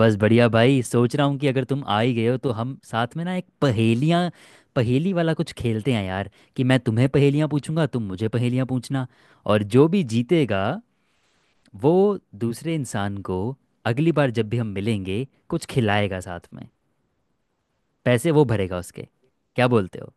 बस बढ़िया भाई, सोच रहा हूँ कि अगर तुम आ ही गए हो तो हम साथ में ना एक पहेलियाँ पहेली वाला कुछ खेलते हैं यार। कि मैं तुम्हें पहेलियाँ पूछूंगा, तुम मुझे पहेलियाँ पूछना। और जो भी जीतेगा वो दूसरे इंसान को अगली बार जब भी हम मिलेंगे कुछ खिलाएगा, साथ में पैसे वो भरेगा उसके। क्या बोलते हो?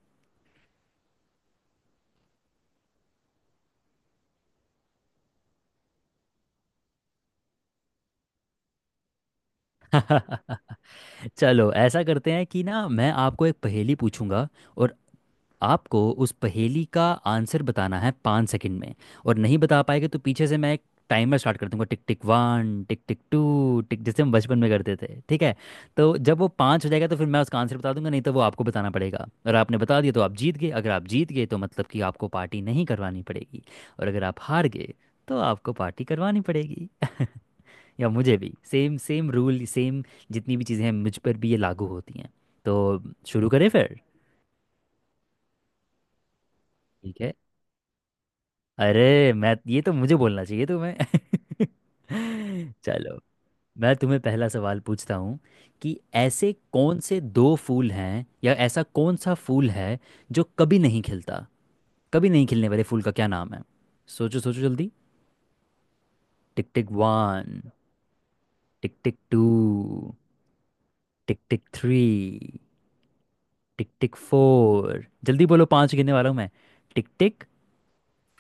चलो ऐसा करते हैं कि ना, मैं आपको एक पहेली पूछूंगा और आपको उस पहेली का आंसर बताना है 5 सेकंड में। और नहीं बता पाएंगे तो पीछे से मैं एक टाइमर स्टार्ट कर दूंगा, tick tick one, tick tick two, tick, जैसे हम बचपन में करते थे, ठीक है? तो जब वो पाँच हो जाएगा तो फिर मैं उसका आंसर बता दूंगा, नहीं तो वो आपको बताना पड़ेगा। और आपने बता दिया तो आप जीत गए। अगर आप जीत गए तो मतलब कि आपको पार्टी नहीं करवानी पड़ेगी। और अगर आप हार गए तो आपको पार्टी करवानी पड़ेगी। या मुझे भी सेम सेम रूल, सेम जितनी भी चीज़ें हैं मुझ पर भी ये लागू होती हैं तो। शुरू करें फिर? ठीक है। अरे, मैं ये तो मुझे बोलना चाहिए तुम्हें। चलो, मैं तुम्हें पहला सवाल पूछता हूँ कि ऐसे कौन से दो फूल हैं या ऐसा कौन सा फूल है जो कभी नहीं खिलता? कभी नहीं खिलने वाले फूल का क्या नाम है? सोचो सोचो जल्दी। Tick tick one, tick tick two, tick tick three, tick tick four, जल्दी बोलो, पांच गिनने वाला हूँ मैं। टिक टिक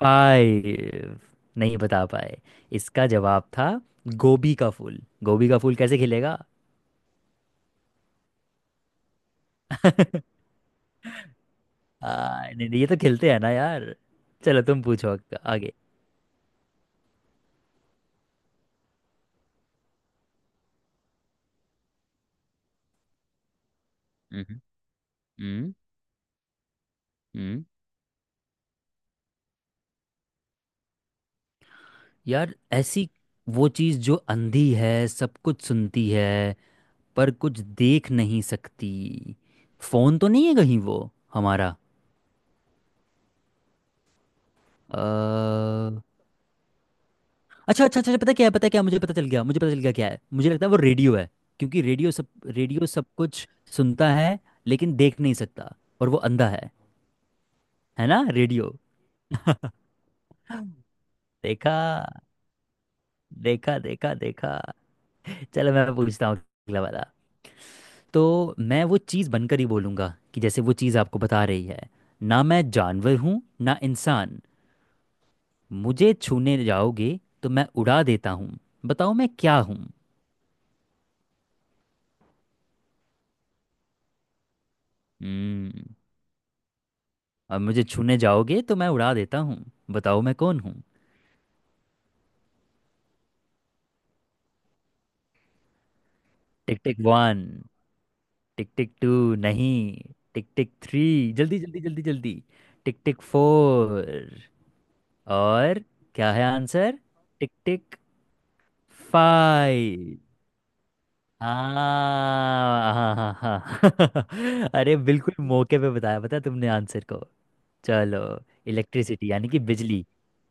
फाइव। नहीं बता पाए। इसका जवाब था गोभी का फूल। गोभी का फूल कैसे खिलेगा? आ, नहीं, नहीं, ये तो खिलते हैं ना यार। चलो तुम पूछो आगे। हम्म। हम्म। हम्म। यार ऐसी वो चीज जो अंधी है, सब कुछ सुनती है पर कुछ देख नहीं सकती। फोन तो नहीं है कहीं वो हमारा? अ, अच्छा अच्छा अच्छा, पता क्या है, मुझे पता चल गया क्या है। मुझे लगता है वो रेडियो है, क्योंकि रेडियो सब कुछ सुनता है लेकिन देख नहीं सकता और वो अंधा है। है ना रेडियो? देखा देखा देखा देखा। चलो मैं पूछता हूँ अगला वाला। तो मैं वो चीज़ बनकर ही बोलूँगा कि जैसे वो चीज़ आपको बता रही है। ना मैं जानवर हूँ, ना इंसान। मुझे छूने जाओगे तो मैं उड़ा देता हूँ। बताओ मैं क्या हूँ? हम्म। अब मुझे छूने जाओगे तो मैं उड़ा देता हूँ, बताओ मैं कौन हूँ? Tick tick one, tick tick two, नहीं, टिक टिक थ्री, जल्दी जल्दी जल्दी जल्दी, टिक टिक फोर, और क्या है आंसर? Tick tick five. हाँ हाँ हाँ हाँ अरे बिल्कुल मौके पे बताया, पता है तुमने आंसर को। चलो, इलेक्ट्रिसिटी यानी कि बिजली।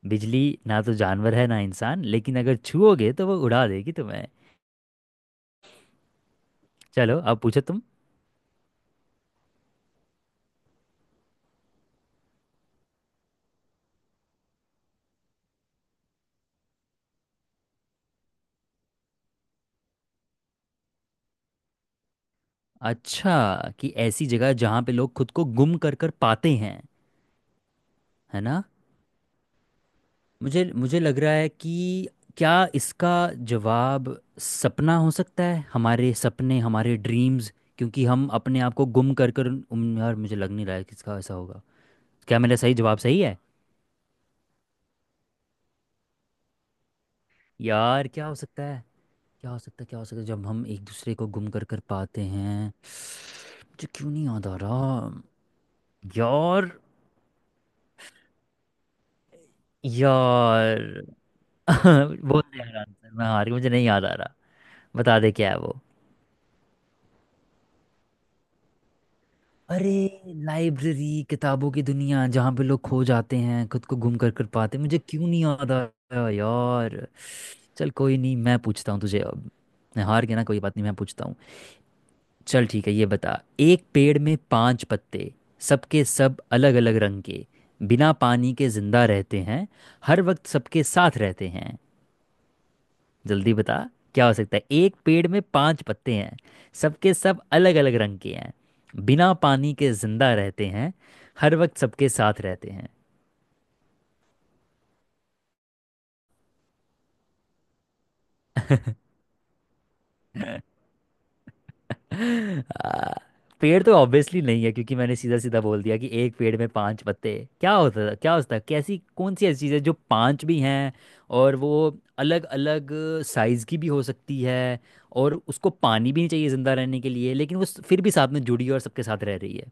बिजली ना तो जानवर है ना इंसान, लेकिन अगर छुओगे तो वो उड़ा देगी तुम्हें। चलो अब पूछो तुम। अच्छा, कि ऐसी जगह जहाँ पे लोग खुद को गुम कर कर पाते हैं? है ना? मुझे मुझे लग रहा है कि क्या इसका जवाब सपना हो सकता है, हमारे सपने, हमारे ड्रीम्स। क्योंकि हम अपने आप को गुम कर कर यार मुझे लग नहीं रहा है कि इसका ऐसा होगा। क्या मेरा सही जवाब सही है? यार क्या हो सकता है? क्या हो सकता है क्या हो सकता है? जब हम एक दूसरे को गुम कर कर पाते हैं, मुझे क्यों नहीं याद आ रहा? यार यार बोल दे यार आंसर, मैं हार गई, मुझे नहीं याद आ रहा। बता दे क्या है वो। अरे, लाइब्रेरी, किताबों की दुनिया, जहाँ पे लोग खो जाते हैं, खुद को गुम कर कर पाते। मुझे क्यों नहीं याद आ रहा यार। चल कोई नहीं, मैं पूछता हूँ तुझे अब। मैं हार गया ना, कोई बात नहीं, मैं पूछता हूँ। चल ठीक है, ये बता, एक पेड़ में पांच पत्ते, सबके सब अलग अलग रंग के, बिना पानी के जिंदा रहते हैं, हर वक्त सबके साथ रहते हैं। जल्दी बता, क्या हो सकता है? एक पेड़ में पांच पत्ते हैं, सबके सब अलग अलग रंग के हैं, बिना पानी के जिंदा रहते हैं, हर वक्त सबके साथ रहते हैं। आ, पेड़ तो ऑब्वियसली नहीं है क्योंकि मैंने सीधा सीधा बोल दिया कि एक पेड़ में पांच पत्ते। क्या होता था क्या होता है? कैसी कौन सी ऐसी चीज़ है जो पांच भी हैं, और वो अलग अलग साइज की भी हो सकती है, और उसको पानी भी नहीं चाहिए जिंदा रहने के लिए, लेकिन वो फिर भी साथ में जुड़ी है और सबके साथ रह रही है।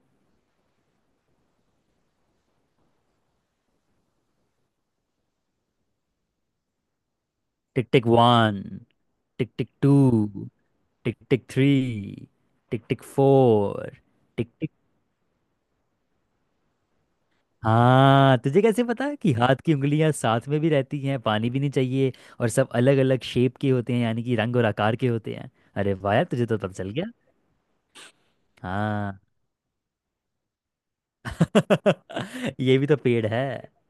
Tick tick one, tick tick two, tick tick three, tick tick four, tick tick. हाँ तुझे कैसे पता कि हाथ की उंगलियां साथ में भी रहती हैं, पानी भी नहीं चाहिए, और सब अलग अलग शेप के होते हैं यानी कि रंग और आकार के होते हैं? अरे वाह यार, तुझे तो पता चल गया। हाँ। ये भी तो पेड़ है।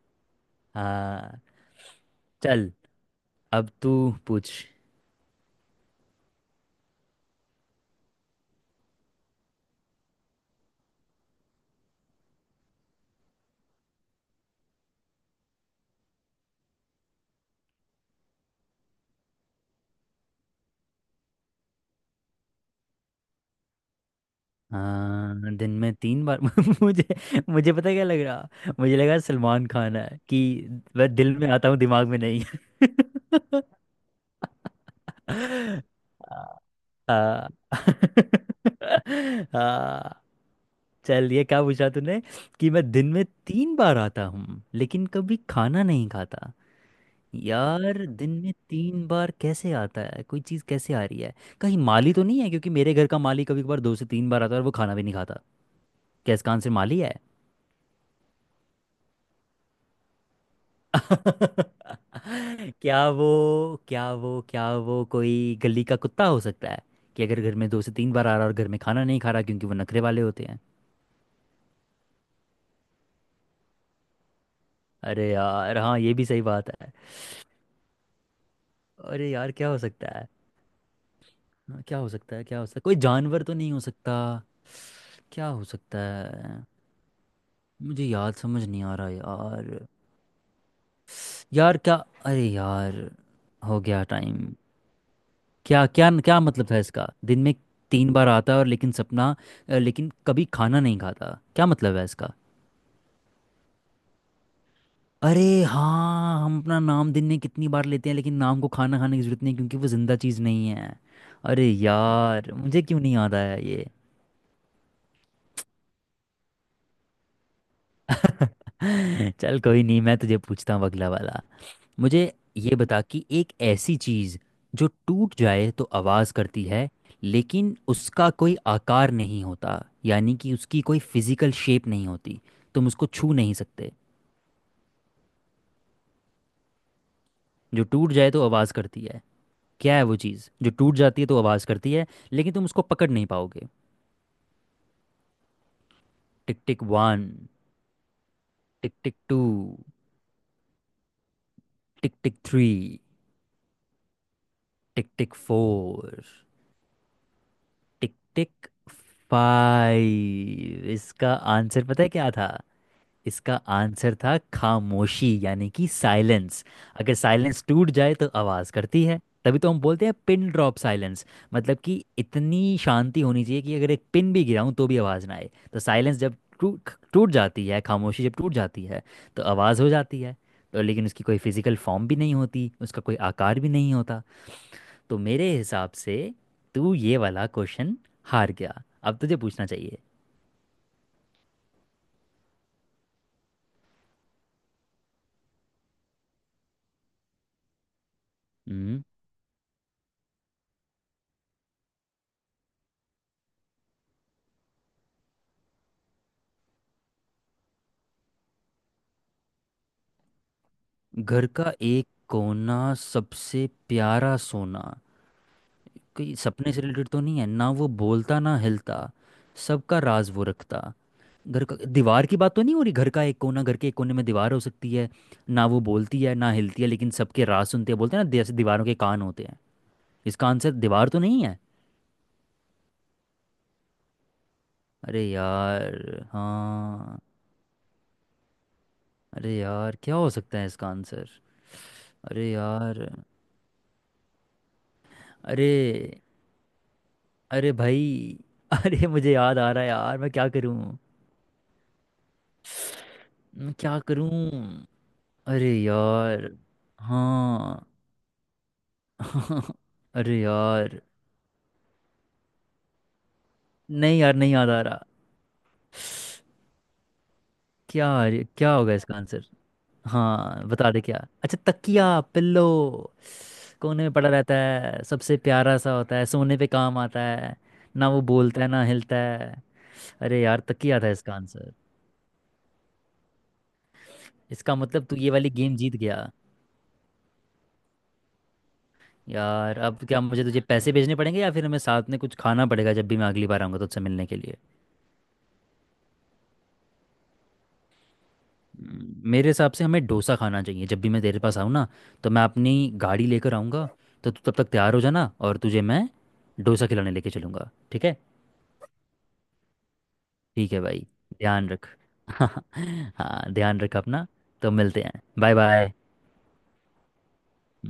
हाँ। चल अब तू पूछ। हाँ दिन में तीन बार। मुझे मुझे पता है क्या लग रहा, मुझे लगा सलमान खान है कि वह दिल में आता हूँ दिमाग में नहीं। हाँ। हाँ। हाँ। चल ये क्या पूछा तूने कि मैं दिन में तीन बार आता हूँ लेकिन कभी खाना नहीं खाता? यार दिन में तीन बार कैसे आता है? कोई चीज़ कैसे आ रही है? कहीं माली तो नहीं है, क्योंकि मेरे घर का माली कभी कभार दो से तीन बार आता है और वो खाना भी नहीं खाता। क्या इसका आंसर माली है? क्या वो कोई गली का कुत्ता हो सकता है, कि अगर घर में दो से तीन बार आ रहा और घर में खाना नहीं खा रहा क्योंकि वो नखरे वाले होते हैं? अरे यार हाँ, ये भी सही बात है। अरे यार क्या हो सकता है? हाँ, क्या हो सकता है? क्या हो सकता है? कोई जानवर तो नहीं हो सकता? क्या हो सकता है? मुझे याद समझ नहीं आ रहा यार। यार क्या, अरे यार। हो गया टाइम। क्या क्या क्या मतलब था इसका, दिन में तीन बार आता है और लेकिन सपना, लेकिन कभी खाना नहीं खाता, क्या मतलब है इसका? अरे हाँ, हम अपना नाम दिन में कितनी बार लेते हैं लेकिन नाम को खाना खाने की जरूरत नहीं क्योंकि वो जिंदा चीज़ नहीं है। अरे यार मुझे क्यों नहीं याद आया ये। चल कोई नहीं, मैं तुझे पूछता हूँ अगला वाला। मुझे ये बता कि एक ऐसी चीज़ जो टूट जाए तो आवाज़ करती है, लेकिन उसका कोई आकार नहीं होता यानी कि उसकी कोई फिजिकल शेप नहीं होती, तुम उसको छू नहीं सकते। जो टूट जाए तो आवाज़ करती है, क्या है वो चीज़ जो टूट जाती है तो आवाज़ करती है लेकिन तुम उसको पकड़ नहीं पाओगे? Tick tick one, tick tick two, tick tick three, tick tick four, tick tick five. इसका आंसर पता है क्या था? इसका आंसर था खामोशी यानी कि साइलेंस। अगर साइलेंस टूट जाए तो आवाज़ करती है। तभी तो हम बोलते हैं पिन ड्रॉप साइलेंस, मतलब कि इतनी शांति होनी चाहिए कि अगर एक पिन भी गिराऊं तो भी आवाज़ ना आए। तो साइलेंस जब टूट टूट जाती है, खामोशी जब टूट जाती है तो आवाज़ हो जाती है। तो लेकिन उसकी कोई फिजिकल फॉर्म भी नहीं होती, उसका कोई आकार भी नहीं होता। तो मेरे हिसाब से तू ये वाला क्वेश्चन हार गया, अब तुझे पूछना चाहिए। हम्म। घर का एक कोना सबसे प्यारा सोना? कोई सपने से रिलेटेड तो नहीं है, ना वो बोलता ना हिलता, सबका राज वो रखता। घर का दीवार की बात तो नहीं हो रही? घर का एक कोना, घर के एक कोने में दीवार हो सकती है, ना वो बोलती है ना हिलती है लेकिन सबके राज सुनते हैं। बोलते हैं ना जैसे दीवारों के कान होते हैं? इसका आंसर दीवार तो नहीं है? अरे यार हाँ। अरे यार क्या हो सकता है इसका आंसर? अरे यार, अरे, अरे भाई। अरे मुझे याद आ रहा है यार, मैं क्या करूं? मैं क्या करूं? अरे यार हाँ। अरे यार। नहीं यार, नहीं याद आ रहा। क्या? अरे क्या होगा इसका आंसर? हाँ बता दे क्या। अच्छा, तकिया, पिल्लो। कोने में पड़ा रहता है, सबसे प्यारा सा होता है, सोने पे काम आता है। ना वो बोलता है ना हिलता है। अरे यार तकिया था इसका आंसर? इसका मतलब तू ये वाली गेम जीत गया। यार अब क्या मुझे तुझे पैसे भेजने पड़ेंगे या फिर हमें साथ में कुछ खाना पड़ेगा जब भी मैं अगली बार आऊँगा तुझसे मिलने के लिए? मेरे हिसाब से हमें डोसा खाना चाहिए। जब भी मैं तेरे पास आऊँ ना तो मैं अपनी गाड़ी लेकर आऊँगा, तो तू तब तक तैयार हो जाना और तुझे मैं डोसा खिलाने लेके चलूँगा, ठीक है? ठीक है भाई, ध्यान रख। हाँ, ध्यान रख अपना। तो मिलते हैं, बाय बाय।